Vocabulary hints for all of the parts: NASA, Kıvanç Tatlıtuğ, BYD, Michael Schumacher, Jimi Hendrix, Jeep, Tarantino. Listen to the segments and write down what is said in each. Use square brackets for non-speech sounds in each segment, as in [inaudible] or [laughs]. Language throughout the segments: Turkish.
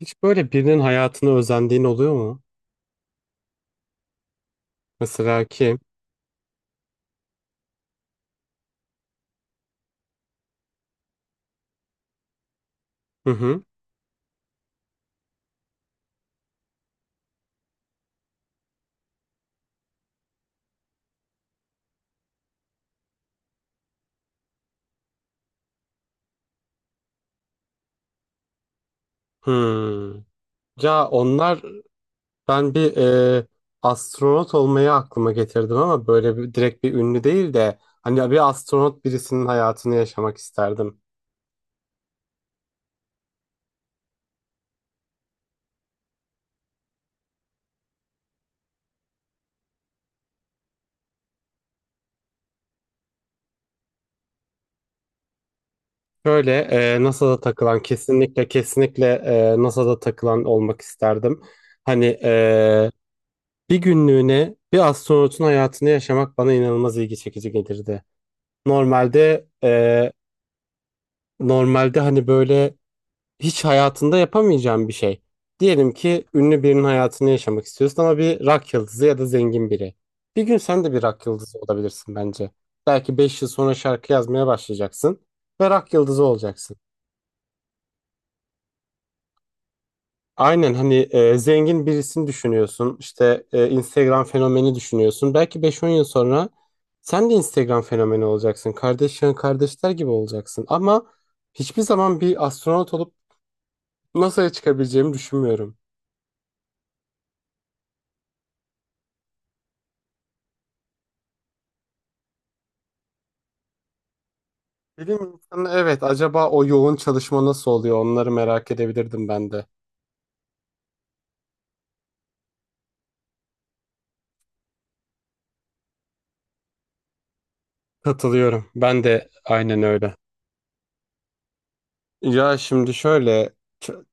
Hiç böyle birinin hayatını özendiğin oluyor mu? Mesela kim? Hı hı. Hmm. Ya onlar ben bir e, astronot olmayı aklıma getirdim ama böyle bir, direkt bir ünlü değil de hani bir astronot birisinin hayatını yaşamak isterdim. Böyle, NASA'da takılan, kesinlikle kesinlikle, NASA'da takılan olmak isterdim. Hani, bir günlüğüne bir astronotun hayatını yaşamak bana inanılmaz ilgi çekici gelirdi. Normalde Normalde hani böyle hiç hayatında yapamayacağın bir şey. Diyelim ki ünlü birinin hayatını yaşamak istiyorsun, ama bir rock yıldızı ya da zengin biri. Bir gün sen de bir rock yıldızı olabilirsin bence. Belki 5 yıl sonra şarkı yazmaya başlayacaksın ve rock yıldızı olacaksın. Aynen, hani zengin birisini düşünüyorsun. İşte, Instagram fenomeni düşünüyorsun. Belki beş on yıl sonra sen de Instagram fenomeni olacaksın. Kardeş yan kardeşler gibi olacaksın. Ama hiçbir zaman bir astronot olup NASA'ya çıkabileceğimi düşünmüyorum. Bilim insanı, evet, acaba o yoğun çalışma nasıl oluyor, onları merak edebilirdim ben de. Katılıyorum. Ben de aynen öyle. Ya şimdi şöyle, ç-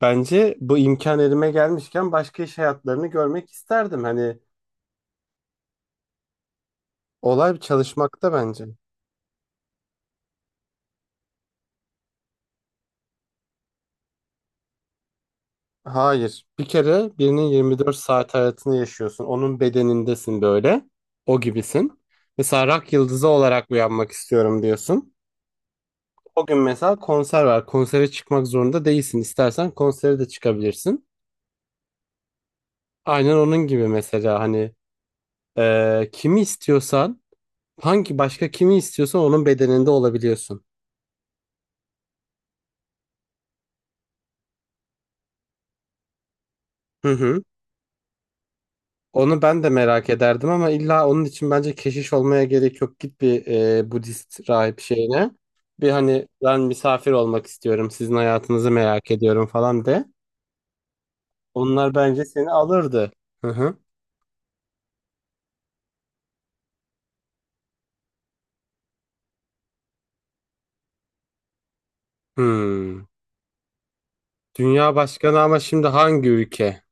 bence bu imkan elime gelmişken başka iş hayatlarını görmek isterdim. Hani olay bir çalışmakta bence. Hayır. Bir kere birinin 24 saat hayatını yaşıyorsun. Onun bedenindesin böyle. O gibisin. Mesela rak yıldızı olarak uyanmak istiyorum diyorsun. O gün mesela konser var. Konsere çıkmak zorunda değilsin. İstersen konsere de çıkabilirsin. Aynen onun gibi mesela, hani kimi istiyorsan, hangi başka kimi istiyorsan onun bedeninde olabiliyorsun. Hı hı. Onu ben de merak ederdim, ama illa onun için bence keşiş olmaya gerek yok. Git bir, Budist rahip şeyine. Bir, hani ben misafir olmak istiyorum. Sizin hayatınızı merak ediyorum falan de. Onlar bence seni alırdı. Hı hı. Hmm. Dünya başkanı, ama şimdi hangi ülke?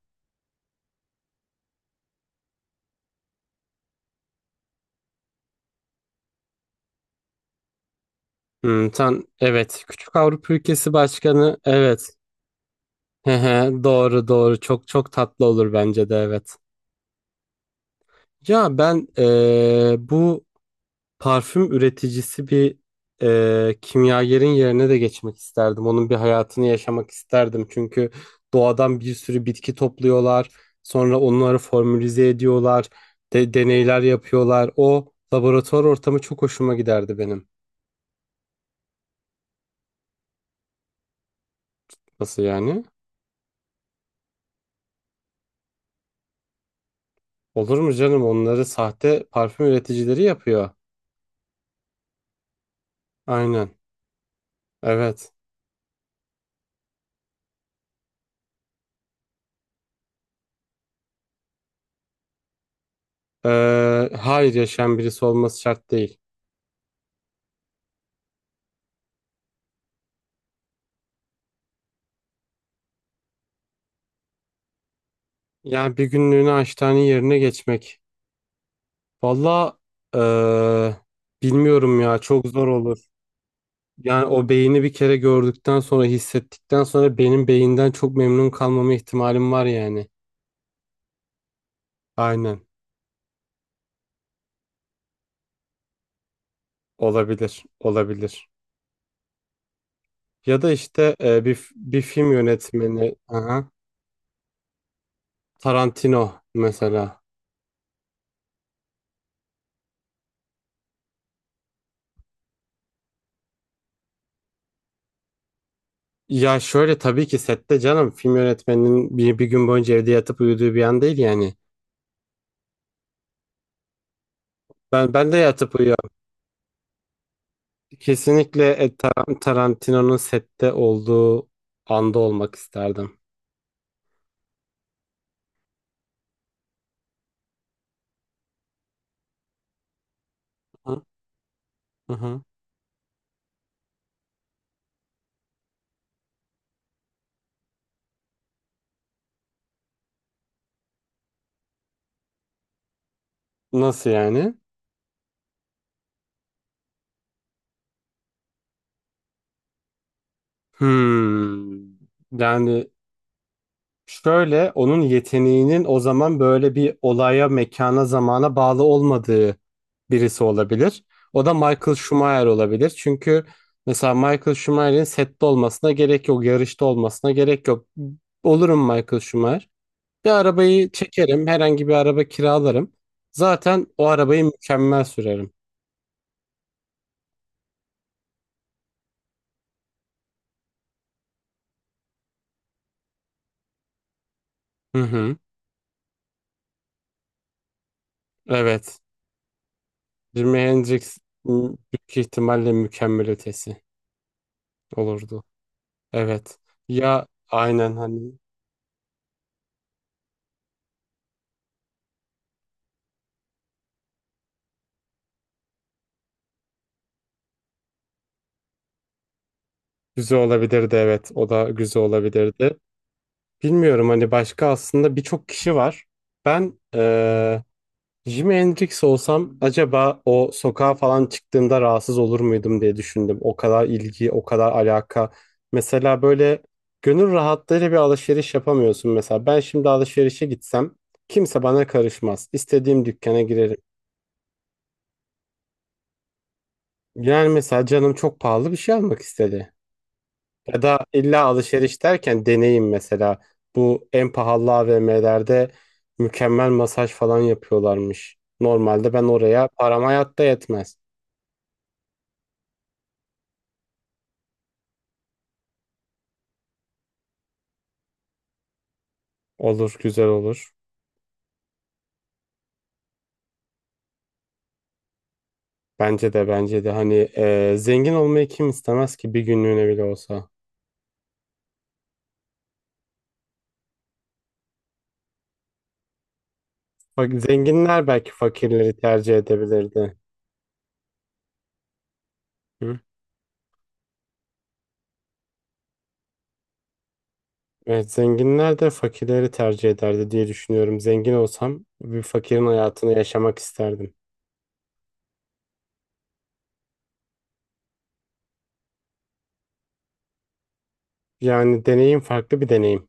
Hmm. Sen, evet, küçük Avrupa ülkesi başkanı, evet. [laughs] Hı hı, doğru doğru, çok çok tatlı olur bence de, evet. Ya ben, bu parfüm üreticisi bir kimyagerin yerine de geçmek isterdim. Onun bir hayatını yaşamak isterdim. Çünkü doğadan bir sürü bitki topluyorlar. Sonra onları formülize ediyorlar. Deneyler yapıyorlar. O laboratuvar ortamı çok hoşuma giderdi benim. Nasıl yani? Olur mu canım? Onları sahte parfüm üreticileri yapıyor. Aynen. Evet. Hayır, yaşayan birisi olması şart değil. Yani bir günlüğüne hastane yerine geçmek. Valla, ee, bilmiyorum ya, çok zor olur. Yani o beyni bir kere gördükten sonra, hissettikten sonra benim beyinden çok memnun kalmama ihtimalim var yani. Aynen. Olabilir. Olabilir. Ya da işte, bir film yönetmeni. Aha. Tarantino mesela. Ya şöyle, tabii ki sette, canım film yönetmeninin bir gün boyunca evde yatıp uyuduğu bir an değil yani. Ben de yatıp uyuyorum. Kesinlikle, Tarantino'nun sette olduğu anda olmak isterdim. Hı hı. Nasıl yani? Hmm. Yani şöyle, onun yeteneğinin o zaman böyle bir olaya, mekana, zamana bağlı olmadığı birisi olabilir. O da Michael Schumacher olabilir. Çünkü mesela Michael Schumacher'in sette olmasına gerek yok, yarışta olmasına gerek yok. Olurum Michael Schumacher. Bir arabayı çekerim, herhangi bir araba kiralarım. Zaten o arabayı mükemmel sürerim. Hı hı. Evet. Jimi Hendrix, m, büyük ihtimalle mükemmel ötesi olurdu. Evet. Ya aynen, hani güzel olabilirdi, evet. O da güzel olabilirdi. Bilmiyorum, hani başka aslında birçok kişi var. Ben Jimi Hendrix olsam acaba o sokağa falan çıktığımda rahatsız olur muydum diye düşündüm. O kadar ilgi, o kadar alaka. Mesela böyle gönül rahatlığıyla bir alışveriş yapamıyorsun mesela. Ben şimdi alışverişe gitsem kimse bana karışmaz. İstediğim dükkana girerim. Yani mesela canım çok pahalı bir şey almak istedi. Ya da illa alışveriş derken deneyim mesela. Bu en pahalı AVM'lerde mükemmel masaj falan yapıyorlarmış. Normalde ben oraya param hayatta yetmez. Olur, güzel olur. Bence de, bence de hani zengin olmayı kim istemez ki bir günlüğüne bile olsa. Bak, zenginler belki fakirleri tercih edebilirdi. Hı? Evet, zenginler de fakirleri tercih ederdi diye düşünüyorum. Zengin olsam bir fakirin hayatını yaşamak isterdim. Yani deneyim, farklı bir deneyim.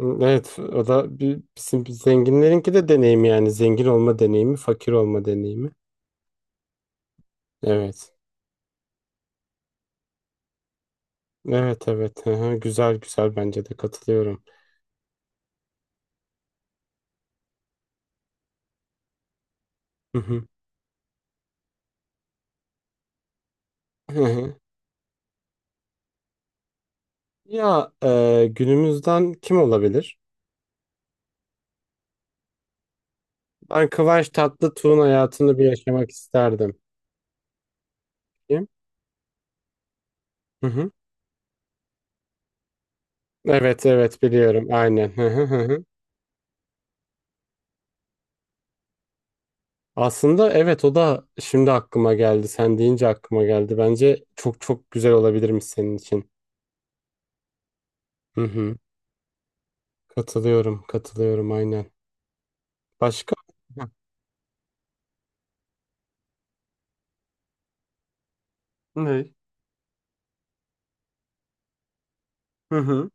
Evet, o da bizim zenginlerinki de deneyimi, yani zengin olma deneyimi, fakir olma deneyimi. Evet. Evet, evet. Hı hı. Güzel güzel, bence de katılıyorum. Hı hı. Hı hı. Ya, günümüzden kim olabilir? Ben Kıvanç Tatlıtuğ'un hayatını bir yaşamak isterdim. Kim? Hı hı. Evet evet, biliyorum, aynen. Hı hı hı. Hı. Aslında evet, o da şimdi aklıma geldi. Sen deyince aklıma geldi. Bence çok çok güzel olabilirmiş senin için. Hı hı. Katılıyorum, katılıyorum, aynen. Başka? Heh. Ne? Hı hı.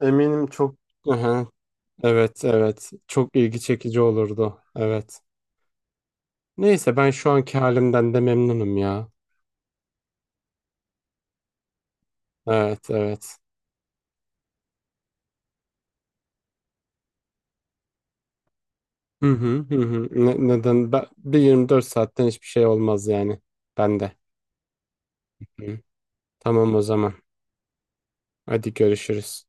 Eminim çok. Aha, evet, evet. Çok ilgi çekici olurdu. Evet. Neyse, ben şu anki halimden de memnunum ya. Evet, evet. Hı hı hı. Hı. Neden? Ben, bir 24 saatten hiçbir şey olmaz yani. Ben de. Hı. Tamam o zaman. Hadi görüşürüz.